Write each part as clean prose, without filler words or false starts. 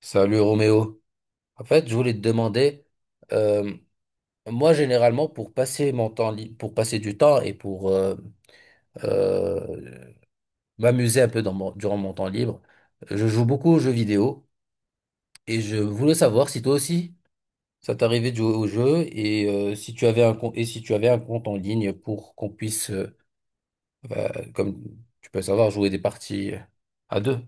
Salut Roméo. En fait, je voulais te demander, euh, moi généralement pour passer mon temps libre, pour passer du temps et pour euh, m'amuser un peu dans durant mon temps libre, je joue beaucoup aux jeux vidéo et je voulais savoir si toi aussi ça t'arrivait de jouer aux jeux et si tu avais un compte et si tu avais un compte en ligne pour qu'on puisse, comme tu peux savoir, jouer des parties à deux.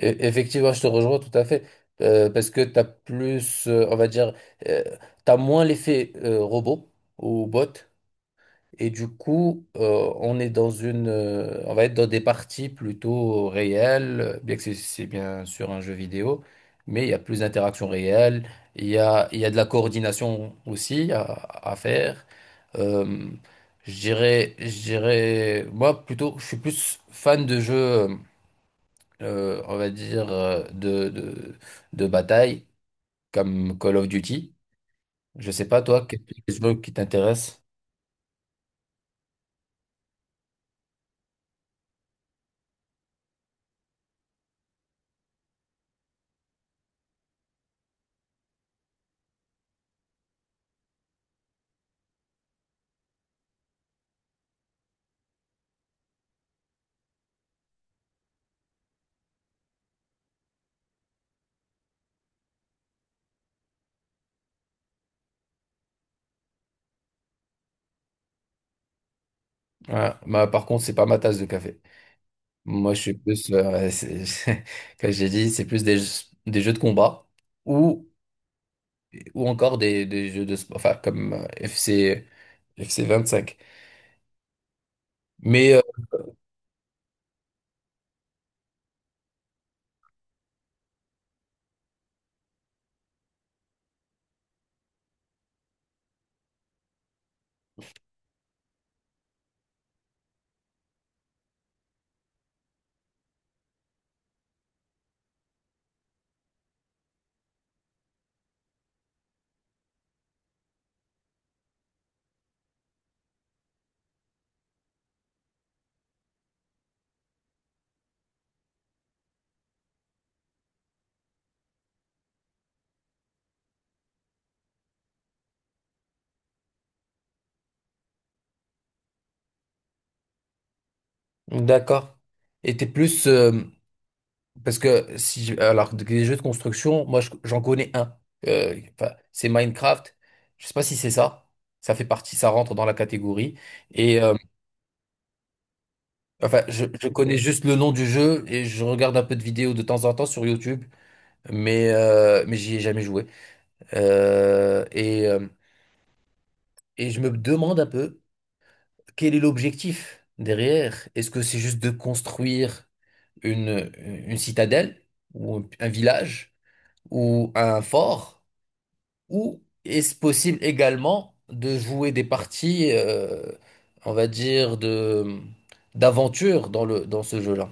Effectivement, je te rejoins tout à fait, parce que tu as plus, on va dire, euh, tu as moins l'effet robot ou bot. Et du coup, on est dans une, on va être dans des parties plutôt réelles, bien que c'est bien sûr un jeu vidéo, mais il y a plus d'interaction réelle, il y a de la coordination aussi à faire. Euh, je dirais, moi plutôt, je suis plus fan de jeux. On va dire, de bataille, comme Call of Duty. Je sais pas, toi, quel est le jeu qui t'intéresse? Ouais, bah, par contre, c'est pas ma tasse de café. Moi, je suis plus, ouais, comme j'ai dit, c'est plus des jeux de combat ou, ou encore des jeux de sport, enfin, comme FC, 25. Mais d'accord. Et t'es plus. Parce que si alors des jeux de construction, moi j'en connais un. Enfin, c'est Minecraft. Je sais pas si c'est ça. Ça fait partie, ça rentre dans la catégorie. Et euh, enfin, je connais juste le nom du jeu et je regarde un peu de vidéos de temps en temps sur YouTube, mais j'y ai jamais joué. Euh, et euh, et je me demande un peu quel est l'objectif derrière. Est-ce que c'est juste de construire une citadelle ou un village ou un fort? Ou est-ce possible également de jouer des parties, on va dire, de d'aventure dans le dans ce jeu-là?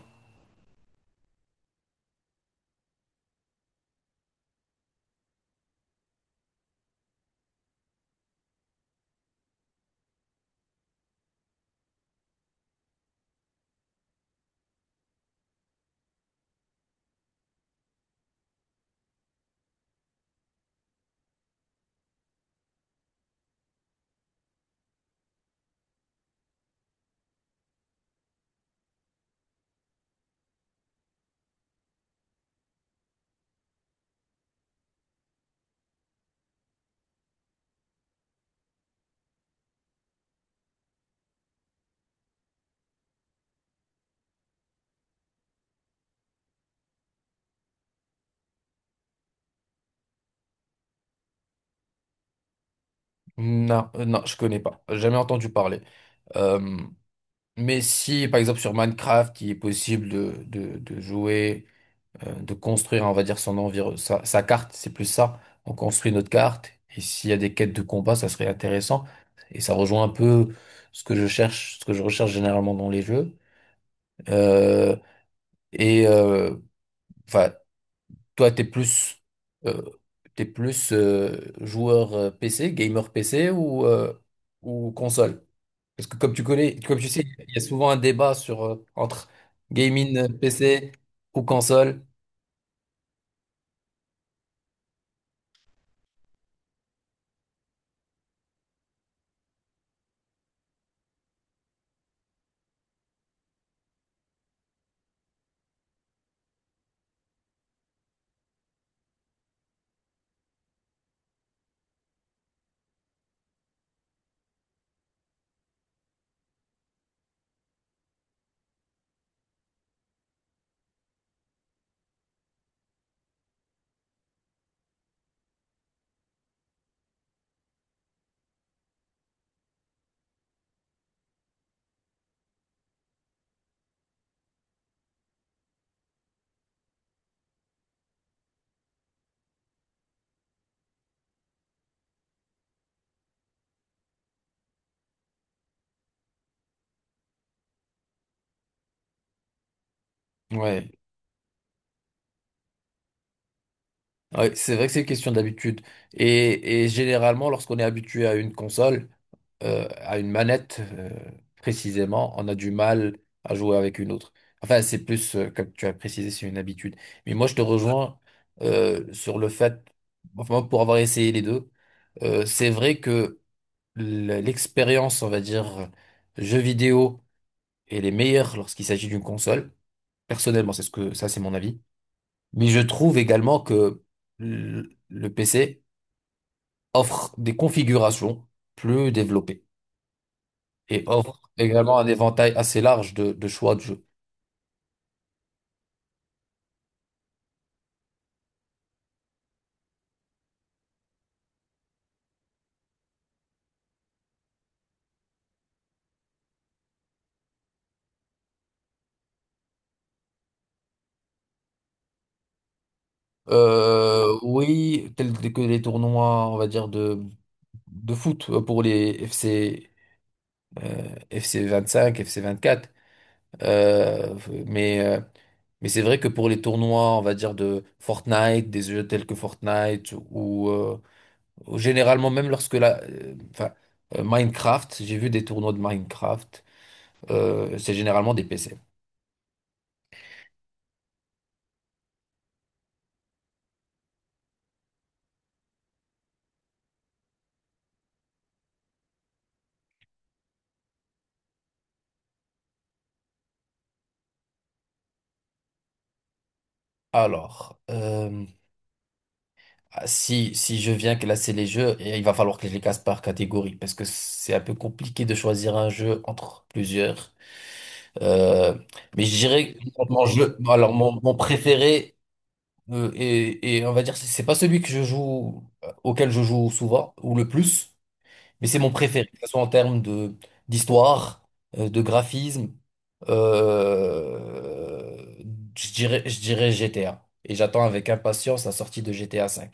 Non, non, je connais pas. J'ai jamais entendu parler. Euh, mais si, par exemple, sur Minecraft, il est possible de jouer, de construire, on va dire, sa carte, c'est plus ça. On construit notre carte. Et s'il y a des quêtes de combat, ça serait intéressant. Et ça rejoint un peu ce que je cherche, ce que je recherche généralement dans les jeux. Euh, et euh, Enfin, toi, euh, t'es plus joueur PC, gamer PC ou console? Parce que comme tu connais, comme tu sais, il y a souvent un débat sur, entre gaming PC ou console. Ouais. Ouais, c'est vrai que c'est une question d'habitude. Et généralement, lorsqu'on est habitué à une console, à une manette, précisément, on a du mal à jouer avec une autre. Enfin, c'est plus, comme tu as précisé, c'est une habitude. Mais moi, je te rejoins sur le fait, enfin, pour avoir essayé les deux, c'est vrai que l'expérience, on va dire, jeux vidéo est les meilleure lorsqu'il s'agit d'une console. Personnellement, c'est ce que ça, c'est mon avis. Mais je trouve également que le PC offre des configurations plus développées, et offre également un éventail assez large de choix de jeux. Oui, tels que les tournois, on va dire, de foot pour les FC, FC 25, FC 24. Euh, mais euh, mais c'est vrai que pour les tournois, on va dire, de Fortnite, des jeux tels que Fortnite, ou généralement même lorsque enfin, Minecraft, j'ai vu des tournois de Minecraft, c'est généralement des PC. Alors... euh, si je viens classer les jeux, et il va falloir que je les classe par catégorie parce que c'est un peu compliqué de choisir un jeu entre plusieurs. Euh, mais je dirais que mon jeu, mon préféré, et on va dire, c'est pas celui que je joue, auquel je joue souvent ou le plus, mais c'est mon préféré, que ce soit en termes de d'histoire, de graphisme. euh, je dirais GTA. Et j'attends avec impatience la sortie de GTA V.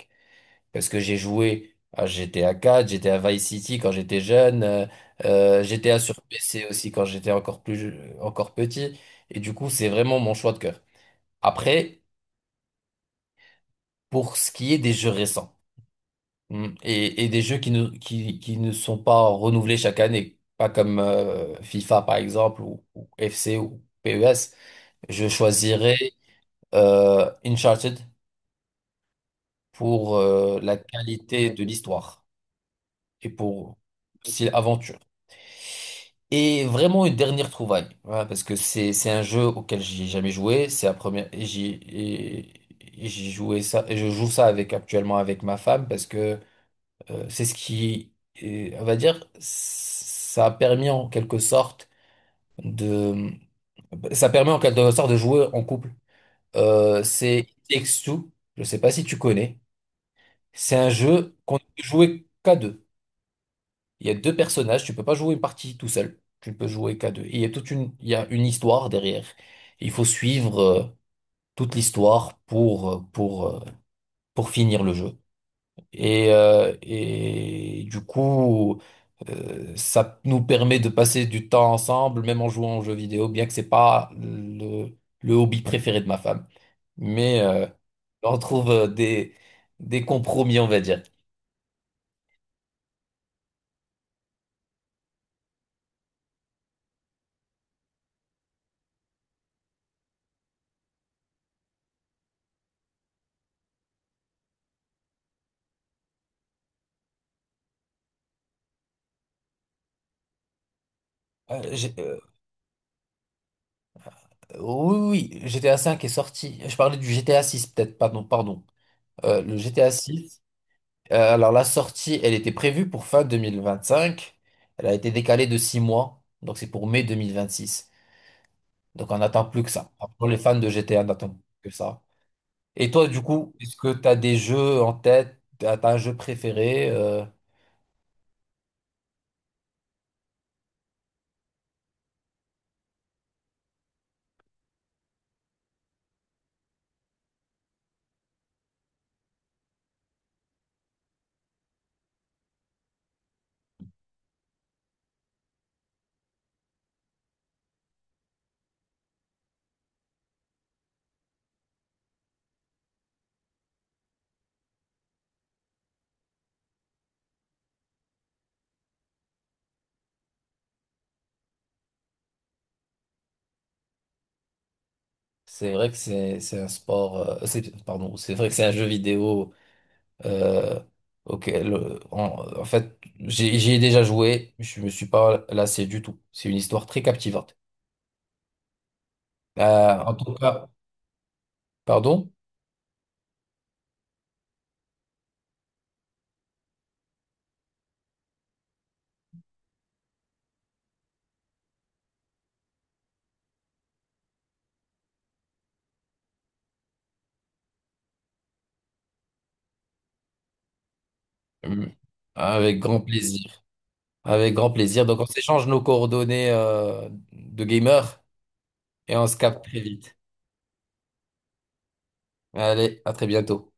Parce que j'ai joué à GTA 4, j'étais à Vice City quand j'étais jeune, GTA sur PC aussi quand j'étais encore plus, encore petit. Et du coup, c'est vraiment mon choix de cœur. Après, pour ce qui est des jeux récents et des jeux qui ne sont pas renouvelés chaque année, pas comme FIFA par exemple ou FC ou PES, je choisirais Uncharted pour la qualité de l'histoire et pour aussi l'aventure. Et vraiment une dernière trouvaille, voilà, parce que c'est un jeu auquel j'ai jamais joué, c'est la première et j'y jouais ça et je joue ça avec actuellement avec ma femme parce que c'est ce qui, on va dire, ça a permis en quelque sorte de ça permet en quelque sorte de jouer en couple. C'est It Takes Two, je sais pas si tu connais, c'est un jeu qu'on ne peut jouer qu'à deux. Il y a deux personnages, tu peux pas jouer une partie tout seul, tu ne peux jouer qu'à deux. Et il y a toute une, il y a une histoire derrière. Il faut suivre toute l'histoire pour finir le jeu. Et du coup, ça nous permet de passer du temps ensemble, même en jouant aux jeux vidéo, bien que c'est pas le le hobby préféré de ma femme. Mais euh, on trouve des compromis, on va dire. Euh, j'ai- euh, Oui, oui, GTA 5 est sorti. Je parlais du GTA 6, peut-être, pardon, pardon. Le GTA 6, alors la sortie, elle était prévue pour fin 2025. Elle a été décalée de 6 mois, donc c'est pour mai 2026. Donc on n'attend plus que ça. Pour les fans de GTA, on n'attend plus que ça. Et toi, du coup, est-ce que tu as des jeux en tête? T'as un jeu préféré? C'est vrai que c'est un sport, c'est, pardon, c'est vrai que c'est un jeu vidéo. Euh, ok, en fait, j'y ai déjà joué, je me suis pas lassé du tout. C'est une histoire très captivante. En tout cas, pardon? Hum, Avec grand plaisir. Avec grand plaisir. Donc, on s'échange nos coordonnées de gamer et on se capte très vite. Allez, à très bientôt.